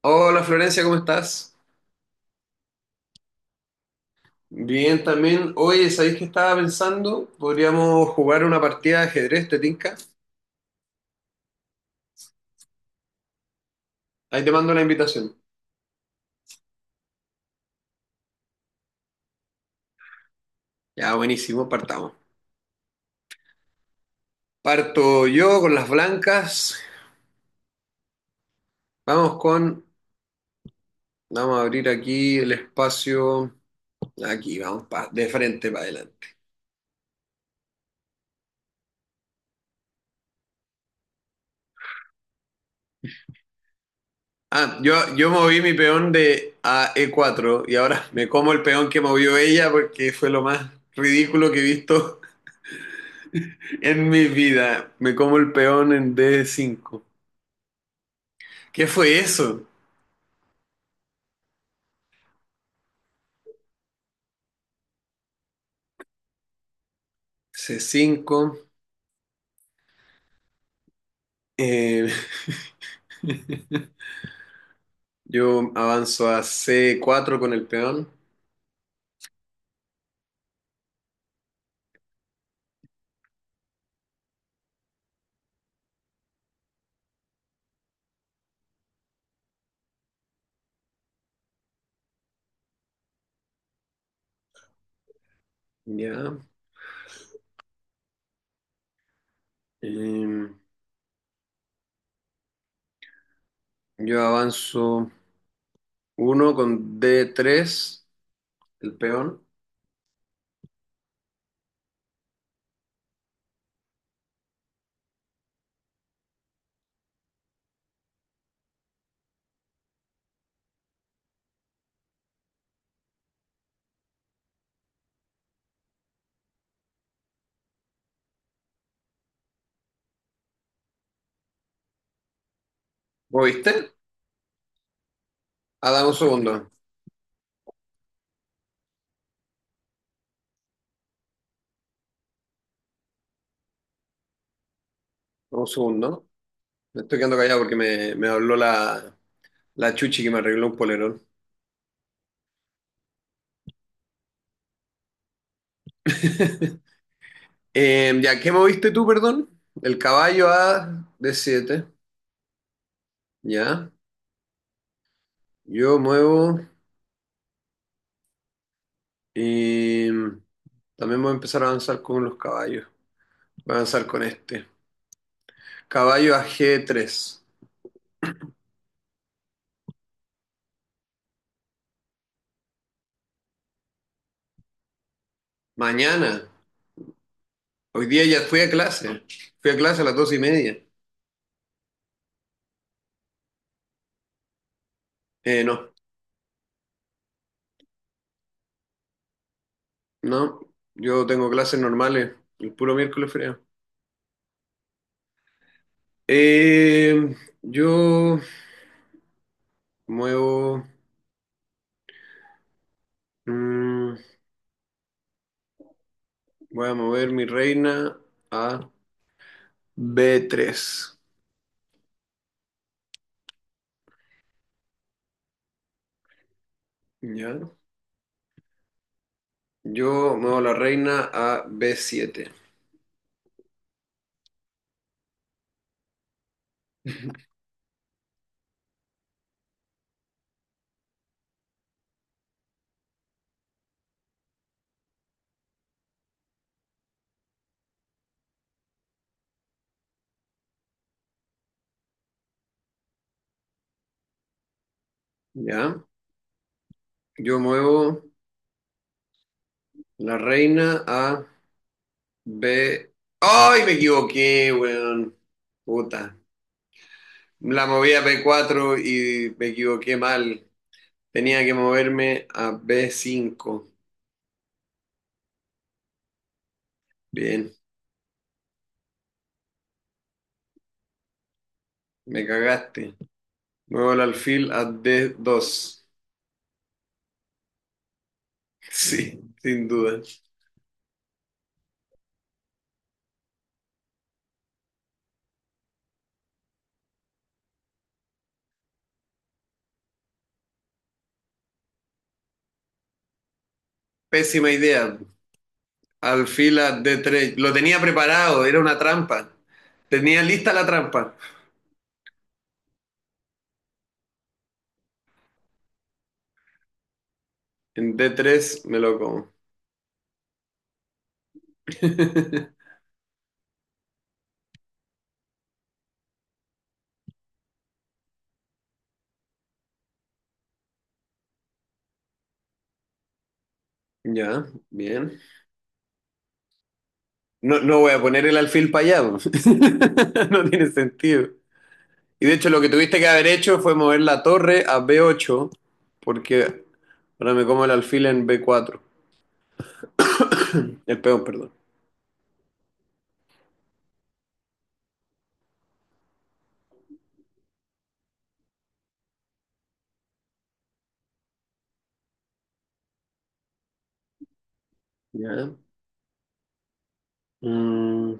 Hola Florencia, ¿cómo estás? Bien también. Oye, ¿sabéis que estaba pensando? Podríamos jugar una partida de ajedrez, ¿te tinca? Ahí te mando la invitación. Ya, buenísimo, partamos. Parto yo con las blancas. Vamos con... vamos a abrir aquí el espacio. Aquí, vamos, de frente para adelante. Yo moví mi peón de a E4 y ahora me como el peón que movió ella porque fue lo más ridículo que he visto en mi vida. Me como el peón en d cinco. ¿Qué fue eso? C5. eh, yo avanzo a C4 con el peón. Ya. Eh, yo avanzo uno con D3, el peón. ¿Lo viste? Ah, dame un segundo. Dame un segundo. Me estoy quedando callado porque me habló la chuchi que me arregló un polerón. Ya, ¿qué moviste tú, perdón? El caballo a D7. Ya. Yo muevo. eh, También voy a empezar a avanzar con los caballos. Voy a avanzar con este. Caballo a G3. Mañana. Hoy día ya fui a clase. Fui a clase a las dos y media. No, no. Yo tengo clases normales. El puro miércoles frío. Yo muevo. mm, voy a mover mi reina a B3. ¿Ya? Yo muevo la reina a B7. ¿Ya? Yo muevo la reina a B. ¡Ay, me equivoqué, weón! Puta. La moví a b cuatro y me equivoqué mal. Tenía que moverme a b cinco. Bien, me cagaste. Muevo el alfil a d dos. Sí, sin duda. Pésima idea. Alfil a d tres. Lo tenía preparado, era una trampa. Tenía lista la trampa. En d tres me lo como. Ya, bien. No, no voy a poner el alfil para allá. Po. No tiene sentido. Y de hecho lo que tuviste que haber hecho fue mover la torre a b ocho, porque ahora me como el alfil en b cuatro. El peón, perdón. Ya. Mm,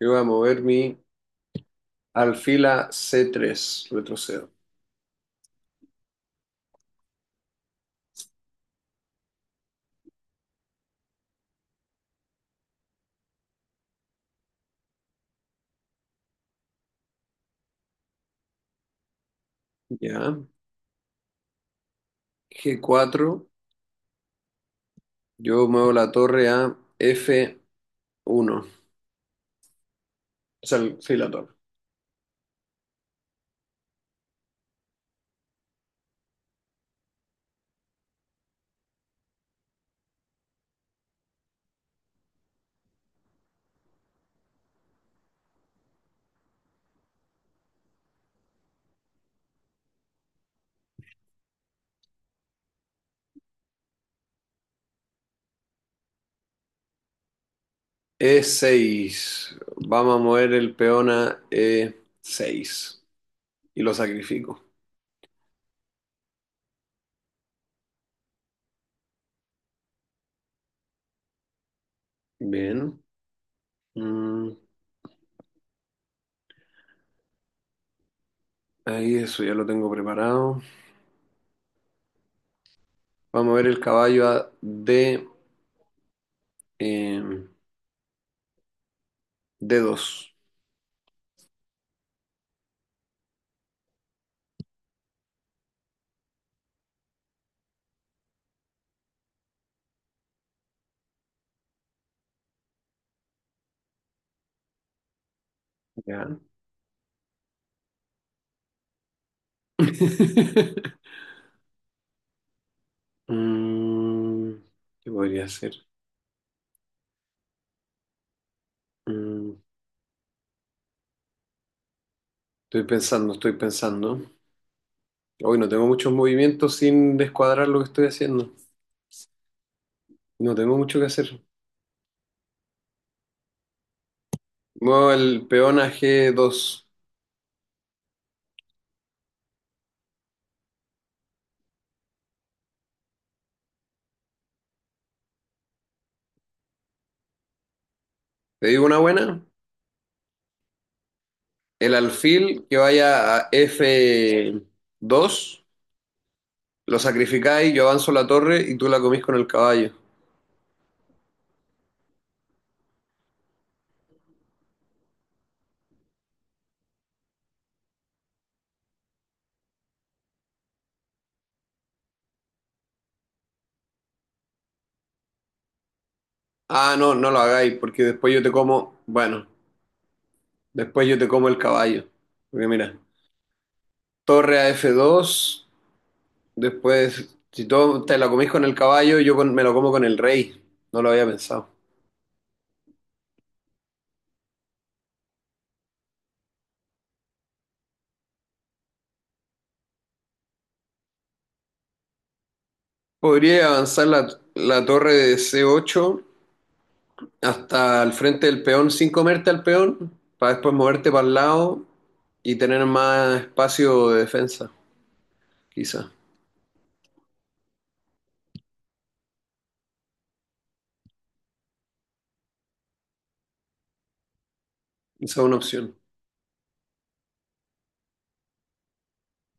yo voy a mover mi alfil a c tres, retrocedo. Ya. G cuatro. Yo muevo la torre a f uno. O sea, el- sí, la torre. E seis. Vamos a mover el peón a e seis. Y lo sacrifico. Bien. Mm, ahí eso ya lo tengo preparado. Vamos a ver el caballo a D, eh, D2. Ya. Mm, ¿qué podría hacer? Mm, estoy pensando. Hoy no tengo muchos movimientos sin descuadrar lo que estoy haciendo. No tengo mucho que hacer. Muevo el peón a g dos. ¿Te digo una buena? El alfil que vaya a f dos. Lo sacrificáis, yo avanzo la torre y tú la comís con el caballo. Ah, no, no lo hagáis, porque después yo te como. Bueno, después yo te como el caballo. Porque mira, torre a F2, después, si tú te la comís con el caballo, yo me lo como con el rey. No lo había pensado. Podría avanzar la torre de C8 hasta el frente del peón sin comerte al peón, para después moverte para el lado y tener más espacio de defensa, quizá. Esa es una opción.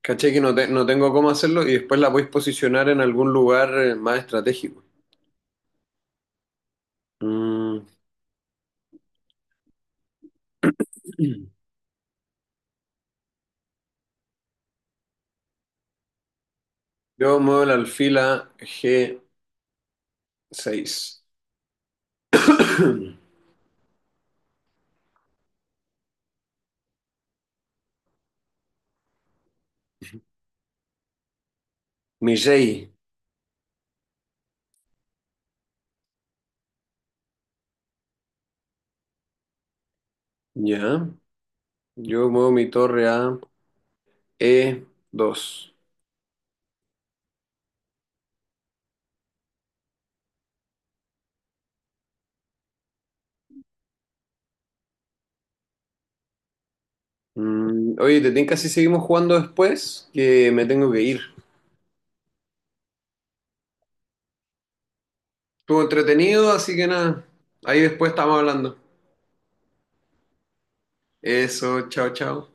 Caché que no, no tengo cómo hacerlo y después la podéis posicionar en algún lugar más estratégico. Mm. Yo muevo el alfil a G6. Mi rey. Ya. Yo muevo mi torre a E2. Mm, oye, ¿te tinca si seguimos jugando después? Que me tengo que ir. Estuvo entretenido, así que nada. Ahí después estamos hablando. Eso, chao, chao.